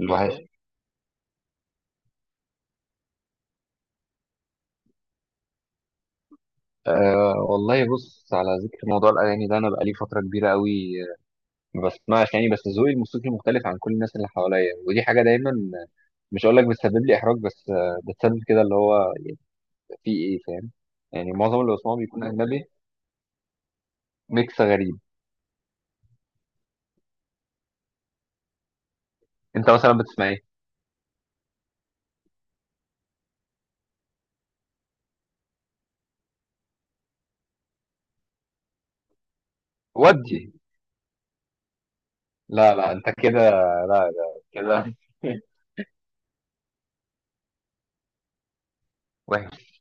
الوحش. أه والله، بص، على ذكر موضوع الأغاني ده أنا بقالي فترة كبيرة قوي ما بسمعش يعني، بس ذوقي الموسيقي مختلف عن كل الناس اللي حواليا، ودي حاجة دايما مش هقول لك بتسبب لي إحراج بس بتسبب كده، اللي هو يعني في إيه، فاهم؟ يعني معظم اللي بسمعه بيكون أجنبي. ميكس غريب. أنت مثلا بتسمع إيه؟ ودي لا لا، أنت كده. لا لا، كده وحش.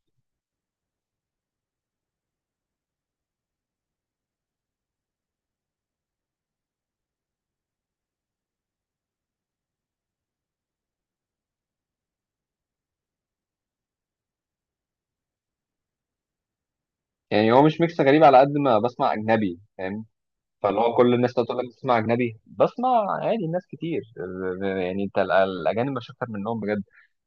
يعني هو مش ميكس غريب على قد ما بسمع أجنبي، فاهم؟ فاللي هو كل الناس تقول لك بتسمع اجنبي، بسمع عادي ناس كتير. يعني انت الاجانب مش اكتر منهم بجد.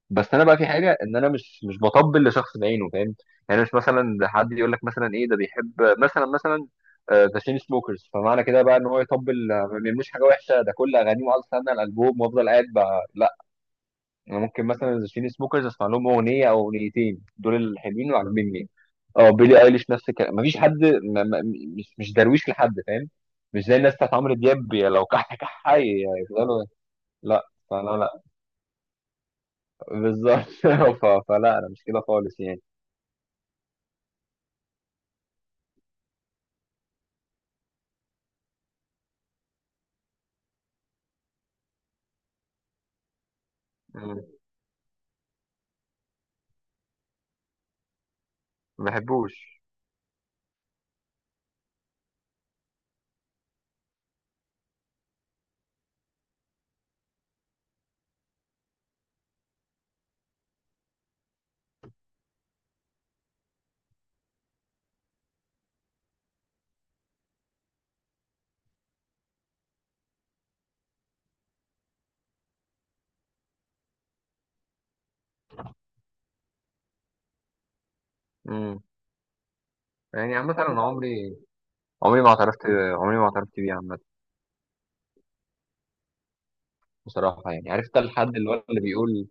بس انا بقى في حاجه، ان انا مش بطبل لشخص بعينه، فاهم؟ يعني مش مثلا ده حد يقول لك مثلا ايه، ده بيحب مثلا مثلا ذا تشين سموكرز، فمعنى كده بقى ان هو يطبل. ما بيعملوش حاجه وحشه، ده كل اغانيه وقعد استنى الالبوم وافضل قاعد بقى. انا ممكن مثلا الشين سموكرز اسمع لهم اغنيه او اغنيتين، دول الحلوين وعاجبني. اه، بيلي ايليش نفس الكلام، مفيش حد. ما ما مش درويش لحد، فاهم؟ مش زي الناس بتاعت عمرو دياب، يا لو كح كح يفضلوا. لا. بالظبط فلا انا مش كده خالص يعني. مم. ما بحبوش. مم. يعني عامة أنا عمري، عمري ما اعترفت، عمري ما اعترفت بيه عامة. بصراحة يعني عرفت الحد اللي هو اللي بيقول،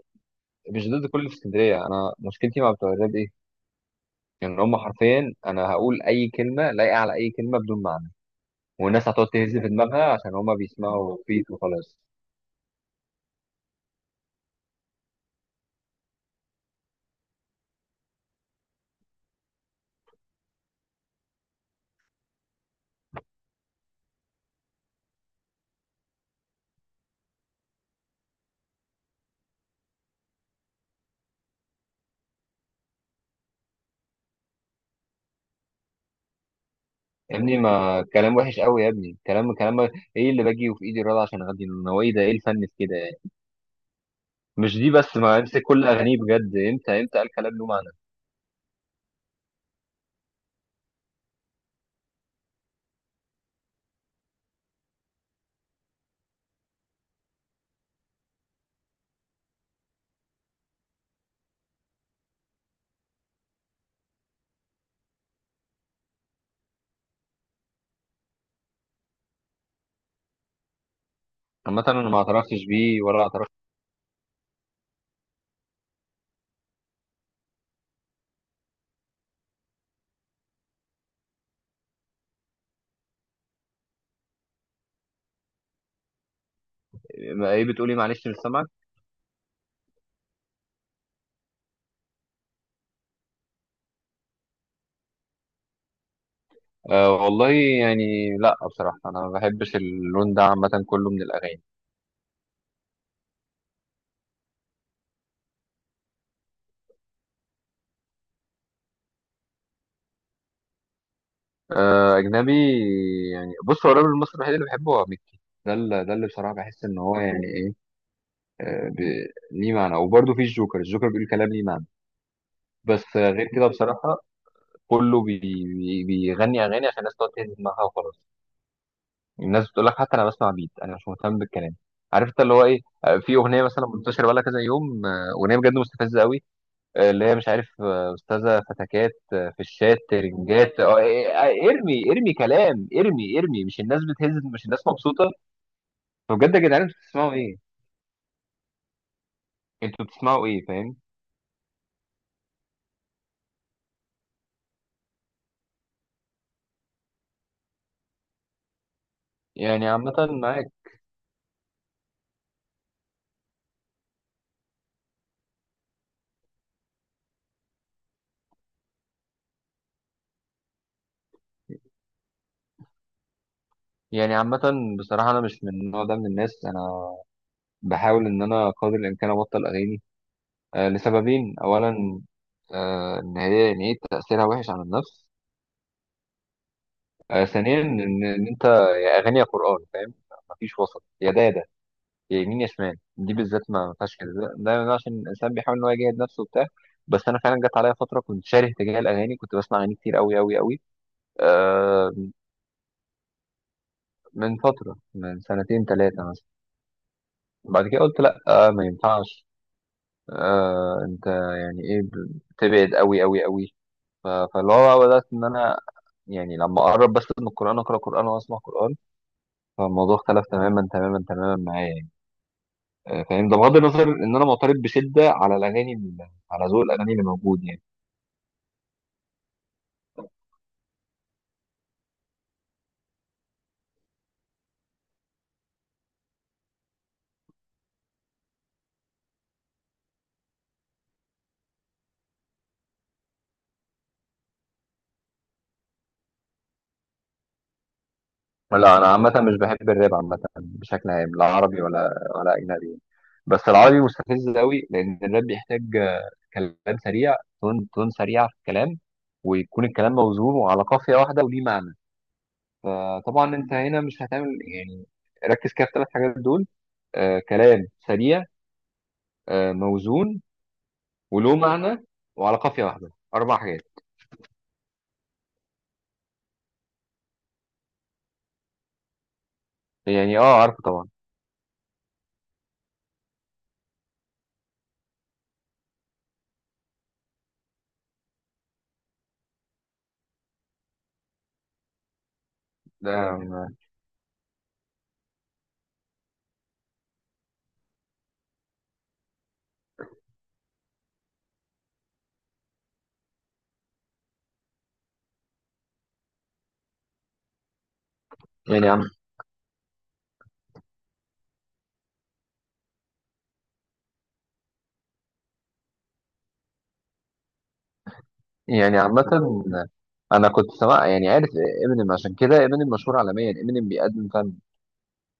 مش ضد كل اللي في اسكندرية، أنا مشكلتي مع بتوع الراب إيه؟ ان هم حرفيا، انا هقول اي كلمه لايقه على اي كلمه بدون معنى، والناس هتقعد تهز في دماغها عشان هم بيسمعوا بيت وخلاص. يا ابني ما الكلام وحش قوي يا ابني، كلام كلام ايه اللي باجي وفي ايدي الرضا عشان اغني له هو، ايه ده، ايه الفن في كده يعني؟ مش دي بس، ما امسك كل اغانيه بجد، امتى امتى قال كلام له معنى؟ عامة انا ما اعترفتش بيه ولا اعترفت. ايه بتقولي؟ معلش مش سامعك. أه والله يعني، لا بصراحة انا ما بحبش اللون ده عامة، كله من الاغاني. اجنبي. يعني بص، هو الراجل المصري الوحيد اللي بحبه هو مكي. ده اللي ده اللي بصراحه بحس ان هو يعني ايه. ليه معنى. وبرده في الجوكر، الجوكر بيقول كلام ليه معنى. بس غير كده بصراحه كله بي. بيغني اغاني عشان الناس تقعد تهز دماغها وخلاص. الناس بتقول لك حتى انا بسمع بيت، انا مش مهتم بالكلام. عارف انت اللي هو ايه؟ في اغنيه مثلا منتشره بقالها كذا يوم، اغنيه بجد مستفزه قوي اللي هي مش عارف استاذه فتكات في الشات ترنجات، ارمي ارمي كلام، ارمي ارمي، مش الناس بتهز، مش الناس مبسوطه. فبجد يا جدعان انتوا بتسمعوا ايه؟ انتوا بتسمعوا ايه، فاهم؟ يعني عامه معاك. يعني عامه بصراحه انا مش من النوع ده من الناس، انا بحاول ان انا قدر الامكان ابطل اغاني. لسببين، اولا ان هي يعني ايه تاثيرها وحش على النفس. ثانيا ان انت يا اغاني يا قران، فاهم؟ مفيش وسط، يا ده يا ده، يا يمين يا شمال. دي بالذات ما فيهاش كده، ده أنا عشان الانسان بيحاول ان هو يجاهد نفسه وبتاع. بس انا فعلا جت عليا فتره كنت شاره تجاه الاغاني، كنت بسمع اغاني كتير قوي قوي قوي. آه. من فتره، من سنتين ثلاثه مثلا. بعد كده قلت لا آه، ما ينفعش. آه انت يعني ايه، بتبعد قوي قوي قوي. فاللي هو بدات ان انا يعني لما اقرب بس من القران، اقرا قران واسمع قران. فالموضوع اختلف تماما تماما تماما معايا يعني. فاهم؟ ده بغض النظر ان انا معترض بشده على الاغاني على ذوق الاغاني اللي موجود يعني. لا انا عامه مش بحب الراب عامه بشكل عام، لا عربي ولا اجنبي. بس العربي مستفز قوي، لان الراب بيحتاج كلام سريع، تون تون سريع في الكلام، ويكون الكلام موزون وعلى قافيه واحده وليه معنى. فطبعا انت هنا مش هتعمل يعني. ركز كده في الثلاث حاجات دول: آه كلام سريع، آه موزون، وله معنى، وعلى قافيه واحده. اربع حاجات. يعني اه عارفه طبعا. ده يعني يعني عامة أنا كنت سمع يعني عارف إمينيم. عشان كده إمينيم مشهور عالميا، إمينيم بيقدم فن.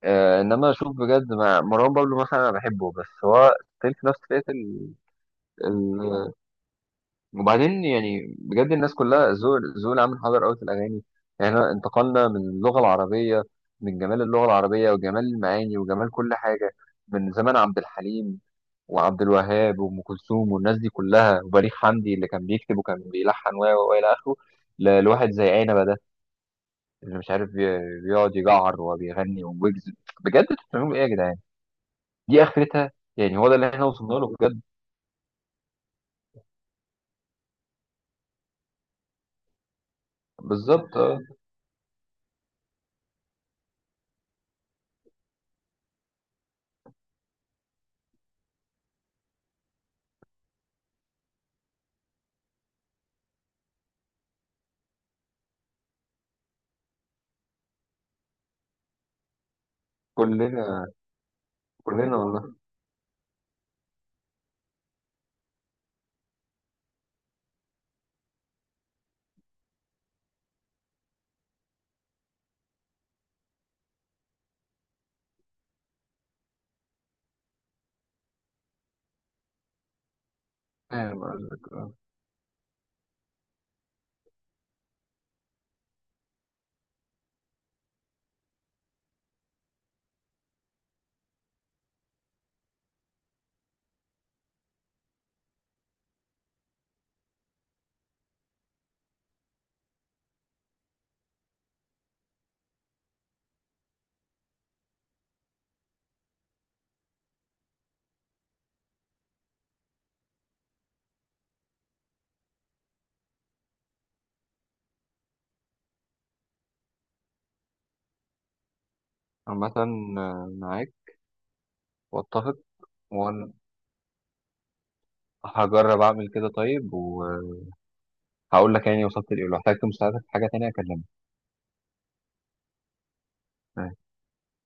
آه إنما أشوف بجد مع مروان بابلو مثلا، أنا بحبه بس هو ستيل في نفس فئة ال... ال... وبعدين يعني بجد الناس كلها ذوق. ذوق العام حاضر أوي في الأغاني. يعني إحنا انتقلنا من اللغة العربية، من جمال اللغة العربية وجمال المعاني وجمال كل حاجة، من زمان عبد الحليم وعبد الوهاب وام كلثوم والناس دي كلها وبليغ حمدي اللي كان بيكتب وكان بيلحن، و الى اخره، لواحد زي عنبه ده اللي مش عارف بيقعد يجعر وبيغني ويجز. بجد انتوا بتعملوا ايه يا جدعان؟ دي اخرتها. يعني هو ده اللي احنا وصلنا له بجد. بالظبط اه. كلنا. كلنا والله. فاهم قصدك اه. عامة معاك واتفق. وانا هجرب اعمل كده طيب، وهقول لك يعني وصلت لايه. لو احتجت مساعدة في حاجة تانية اكلمك.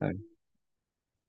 آه.